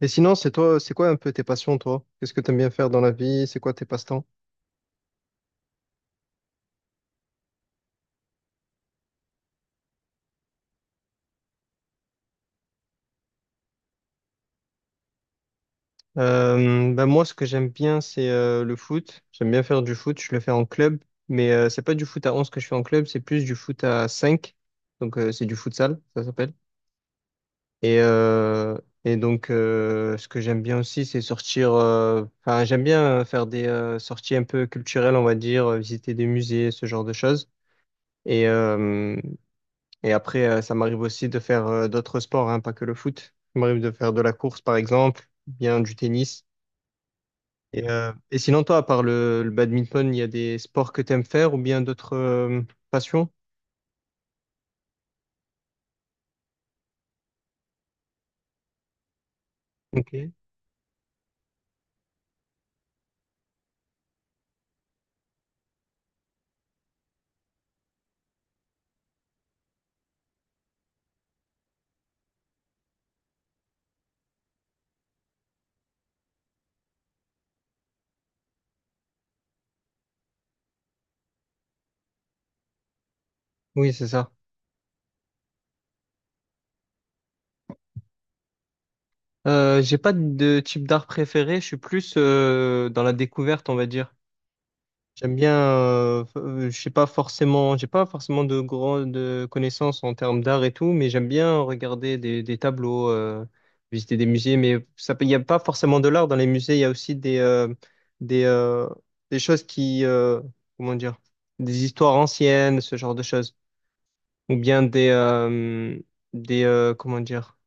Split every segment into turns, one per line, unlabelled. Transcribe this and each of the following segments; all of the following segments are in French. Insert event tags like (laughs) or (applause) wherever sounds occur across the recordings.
Et sinon, c'est quoi un peu tes passions, toi? Qu'est-ce que tu aimes bien faire dans la vie? C'est quoi tes passe-temps? Ben moi, ce que j'aime bien, c'est le foot. J'aime bien faire du foot. Je le fais en club, mais c'est pas du foot à 11 que je fais en club, c'est plus du foot à cinq. Donc, c'est du futsal, ça s'appelle. Et, euh, et donc, ce que j'aime bien aussi, c'est sortir. Enfin, j'aime bien faire des sorties un peu culturelles, on va dire, visiter des musées, ce genre de choses. Et, euh, Et après, ça m'arrive aussi de faire d'autres sports, hein, pas que le foot. Ça m'arrive de faire de la course, par exemple, ou bien du tennis. Et sinon, toi, à part le badminton, il y a des sports que tu aimes faire ou bien d'autres passions? Ok. Oui, c'est ça. J'ai pas de type d'art préféré, je suis plus dans la découverte, on va dire. J'aime bien, je sais pas forcément, j'ai pas forcément de grandes connaissances en termes d'art et tout, mais j'aime bien regarder des tableaux, visiter des musées, mais il n'y a pas forcément de l'art dans les musées, il y a aussi des, euh, des choses comment dire, des histoires anciennes, ce genre de choses, ou bien comment dire,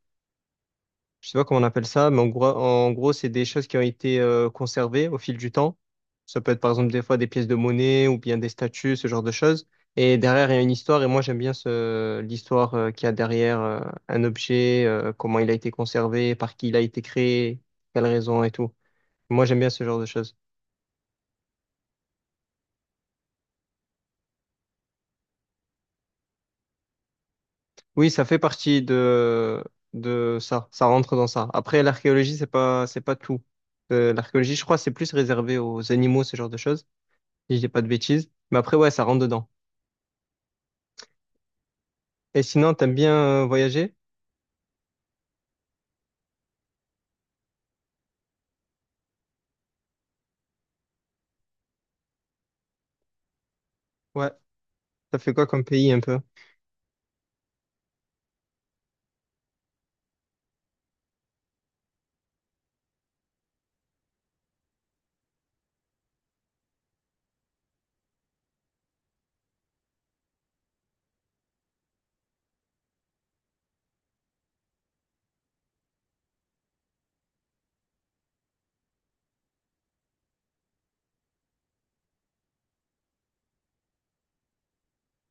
je sais pas comment on appelle ça, mais en gros, c'est des choses qui ont été conservées au fil du temps. Ça peut être par exemple des fois des pièces de monnaie ou bien des statues, ce genre de choses. Et derrière, il y a une histoire, et moi j'aime bien l'histoire qu'il y a derrière un objet, comment il a été conservé, par qui il a été créé, quelle raison et tout. Moi j'aime bien ce genre de choses. Oui, ça fait partie de ça, ça rentre dans ça. Après, l'archéologie, c'est pas tout. L'archéologie, je crois, c'est plus réservé aux animaux, ce genre de choses, si je dis pas de bêtises. Mais après, ouais, ça rentre dedans. Et sinon, t'aimes bien voyager? Ouais. Ça fait quoi comme pays un peu?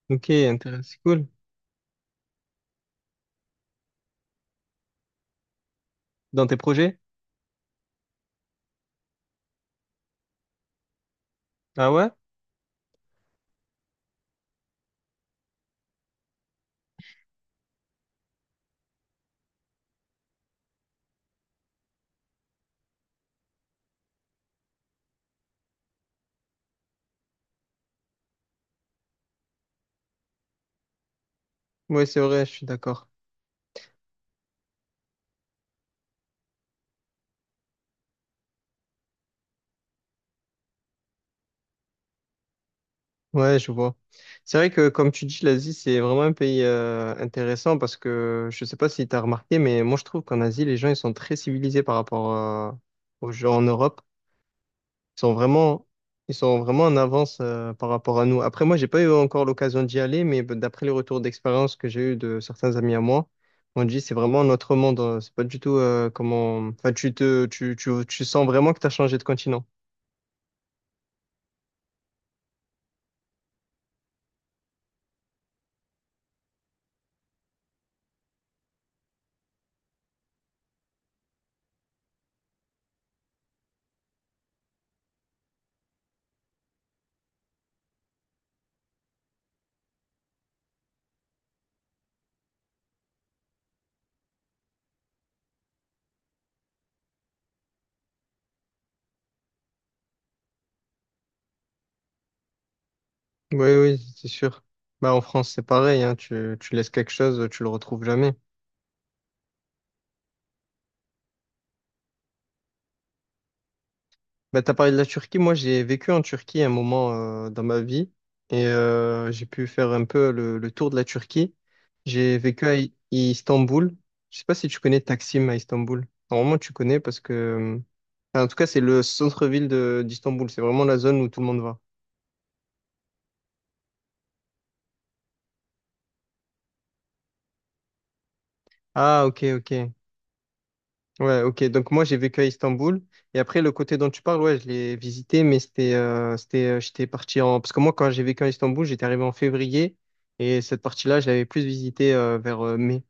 Ok, intéressant, c'est cool. Dans tes projets? Ah ouais? Ouais, c'est vrai, je suis d'accord. Ouais, je vois. C'est vrai que, comme tu dis, l'Asie, c'est vraiment un pays intéressant, parce que je sais pas si t'as remarqué, mais moi, je trouve qu'en Asie, les gens, ils sont très civilisés par rapport aux gens en Europe. Ils sont vraiment, ils sont vraiment en avance par rapport à nous. Après, moi, j'ai pas eu encore l'occasion d'y aller, mais bah, d'après les retours d'expérience que j'ai eu de certains amis à moi, on dit c'est vraiment notre monde. C'est pas du tout comment. Enfin, tu sens vraiment que tu as changé de continent. Oui, oui, c'est sûr. Bah, en France, c'est pareil, hein. Tu laisses quelque chose, tu le retrouves jamais. Bah, t'as parlé de la Turquie. Moi, j'ai vécu en Turquie un moment dans ma vie, et j'ai pu faire un peu le tour de la Turquie. J'ai vécu à Istanbul. Je sais pas si tu connais Taksim à Istanbul. Normalement, tu connais parce que, enfin, en tout cas, c'est le centre-ville de d'Istanbul. C'est vraiment la zone où tout le monde va. Ah, ok, ok. Ouais, ok. Donc moi, j'ai vécu à Istanbul. Et après, le côté dont tu parles, ouais, je l'ai visité, mais c'était. Parce que moi, quand j'ai vécu à Istanbul, j'étais arrivé en février. Et cette partie-là, je l'avais plus visitée vers mai.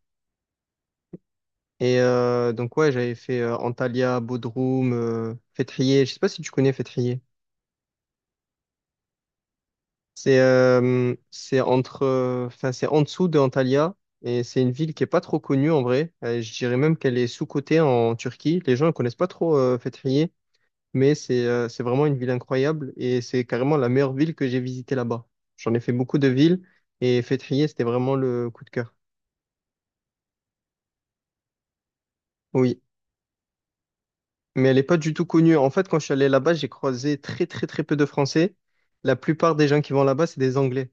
Et donc, ouais, j'avais fait Antalya, Bodrum, Fethiye. Je sais pas si tu connais Fethiye. Enfin, c'est en dessous de Antalya. Et c'est une ville qui est pas trop connue en vrai. Je dirais même qu'elle est sous-cotée en Turquie. Les gens ne connaissent pas trop Fethiye. Mais c'est vraiment une ville incroyable et c'est carrément la meilleure ville que j'ai visitée là-bas. J'en ai fait beaucoup de villes et Fethiye, c'était vraiment le coup de cœur. Oui, mais elle n'est pas du tout connue. En fait, quand je suis allé là-bas, j'ai croisé très très très peu de Français. La plupart des gens qui vont là-bas, c'est des Anglais.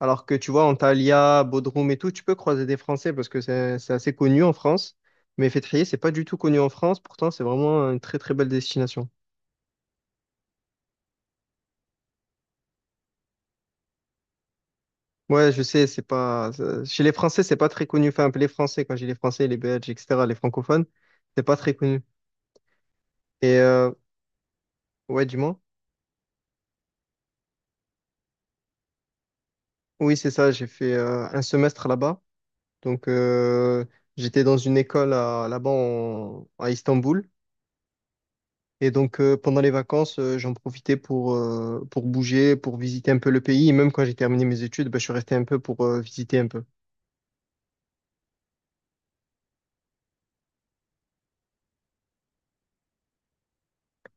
Alors que tu vois, Antalya, Bodrum et tout, tu peux croiser des Français parce que c'est assez connu en France. Mais Fethiye, c'est pas du tout connu en France. Pourtant, c'est vraiment une très très belle destination. Ouais, je sais, c'est pas. Ça- chez les Français, c'est pas très connu. Enfin, les Français, quand j'ai les Français, les Belges, etc., les francophones, c'est pas très connu. Et ouais, du moins. Oui, c'est ça, j'ai fait un semestre là-bas. Donc, j'étais dans une école là-bas à Istanbul. Et donc, pendant les vacances, j'en profitais pour bouger, pour visiter un peu le pays. Et même quand j'ai terminé mes études, ben, je suis resté un peu pour visiter un peu.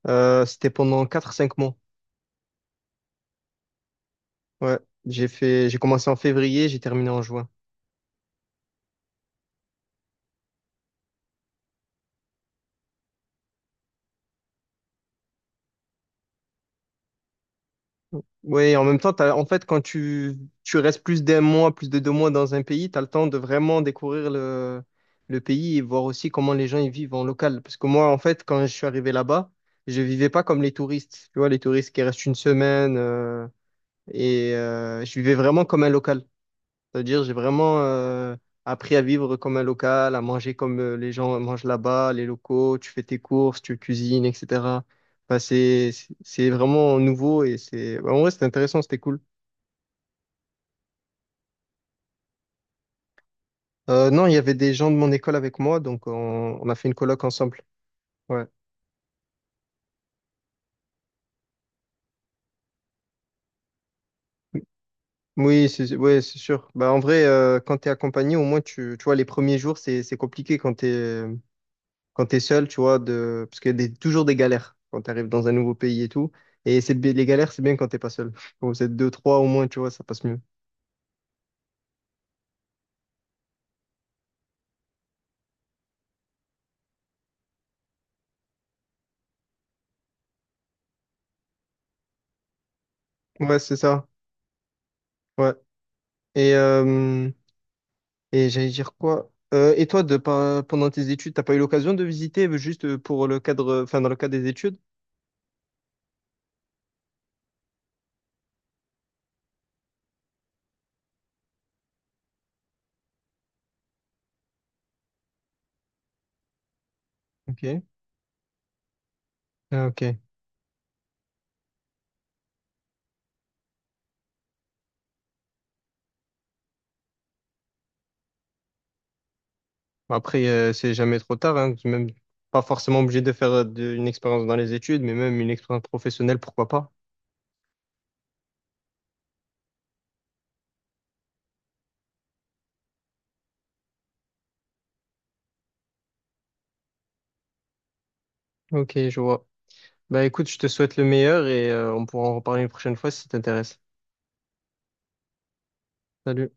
C'était pendant quatre cinq mois. Ouais, j'ai commencé en février, j'ai terminé en juin. Oui, en même temps, en fait, quand tu restes plus d'un mois, plus de 2 mois dans un pays, tu as le temps de vraiment découvrir le pays et voir aussi comment les gens y vivent en local. Parce que moi, en fait, quand je suis arrivé là-bas, je vivais pas comme les touristes. Tu vois, les touristes qui restent une semaine, et je vivais vraiment comme un local. C'est-à-dire, j'ai vraiment appris à vivre comme un local, à manger comme les gens mangent là-bas, les locaux, tu fais tes courses, tu cuisines, etc. Enfin, c'est vraiment nouveau et c'est, bah, en vrai, c'était intéressant, c'était cool. Non, il y avait des gens de mon école avec moi, donc on a fait une coloc ensemble. Ouais. Oui, c'est sûr. Bah, en vrai, quand tu es accompagné, au moins, tu vois, les premiers jours, c'est compliqué quand t'es seul, tu vois, parce qu'il y a toujours des galères quand t'arrives dans un nouveau pays et tout. Et les galères, c'est bien quand t'es pas seul. (laughs) Quand vous êtes deux, trois au moins, tu vois, ça passe mieux. Ouais, c'est ça. Ouais. Et, euh, et j'allais dire quoi? Et toi, de, pas- pendant tes études, t'as pas eu l'occasion de visiter juste pour le cadre, enfin, dans le cadre des études? Ok. Ah, ok. Bon, après, c'est jamais trop tard, hein. C'est même pas forcément obligé de faire une expérience dans les études, mais même une expérience professionnelle, pourquoi pas. Ok, je vois. Bah écoute, je te souhaite le meilleur et on pourra en reparler une prochaine fois si ça t'intéresse. Salut.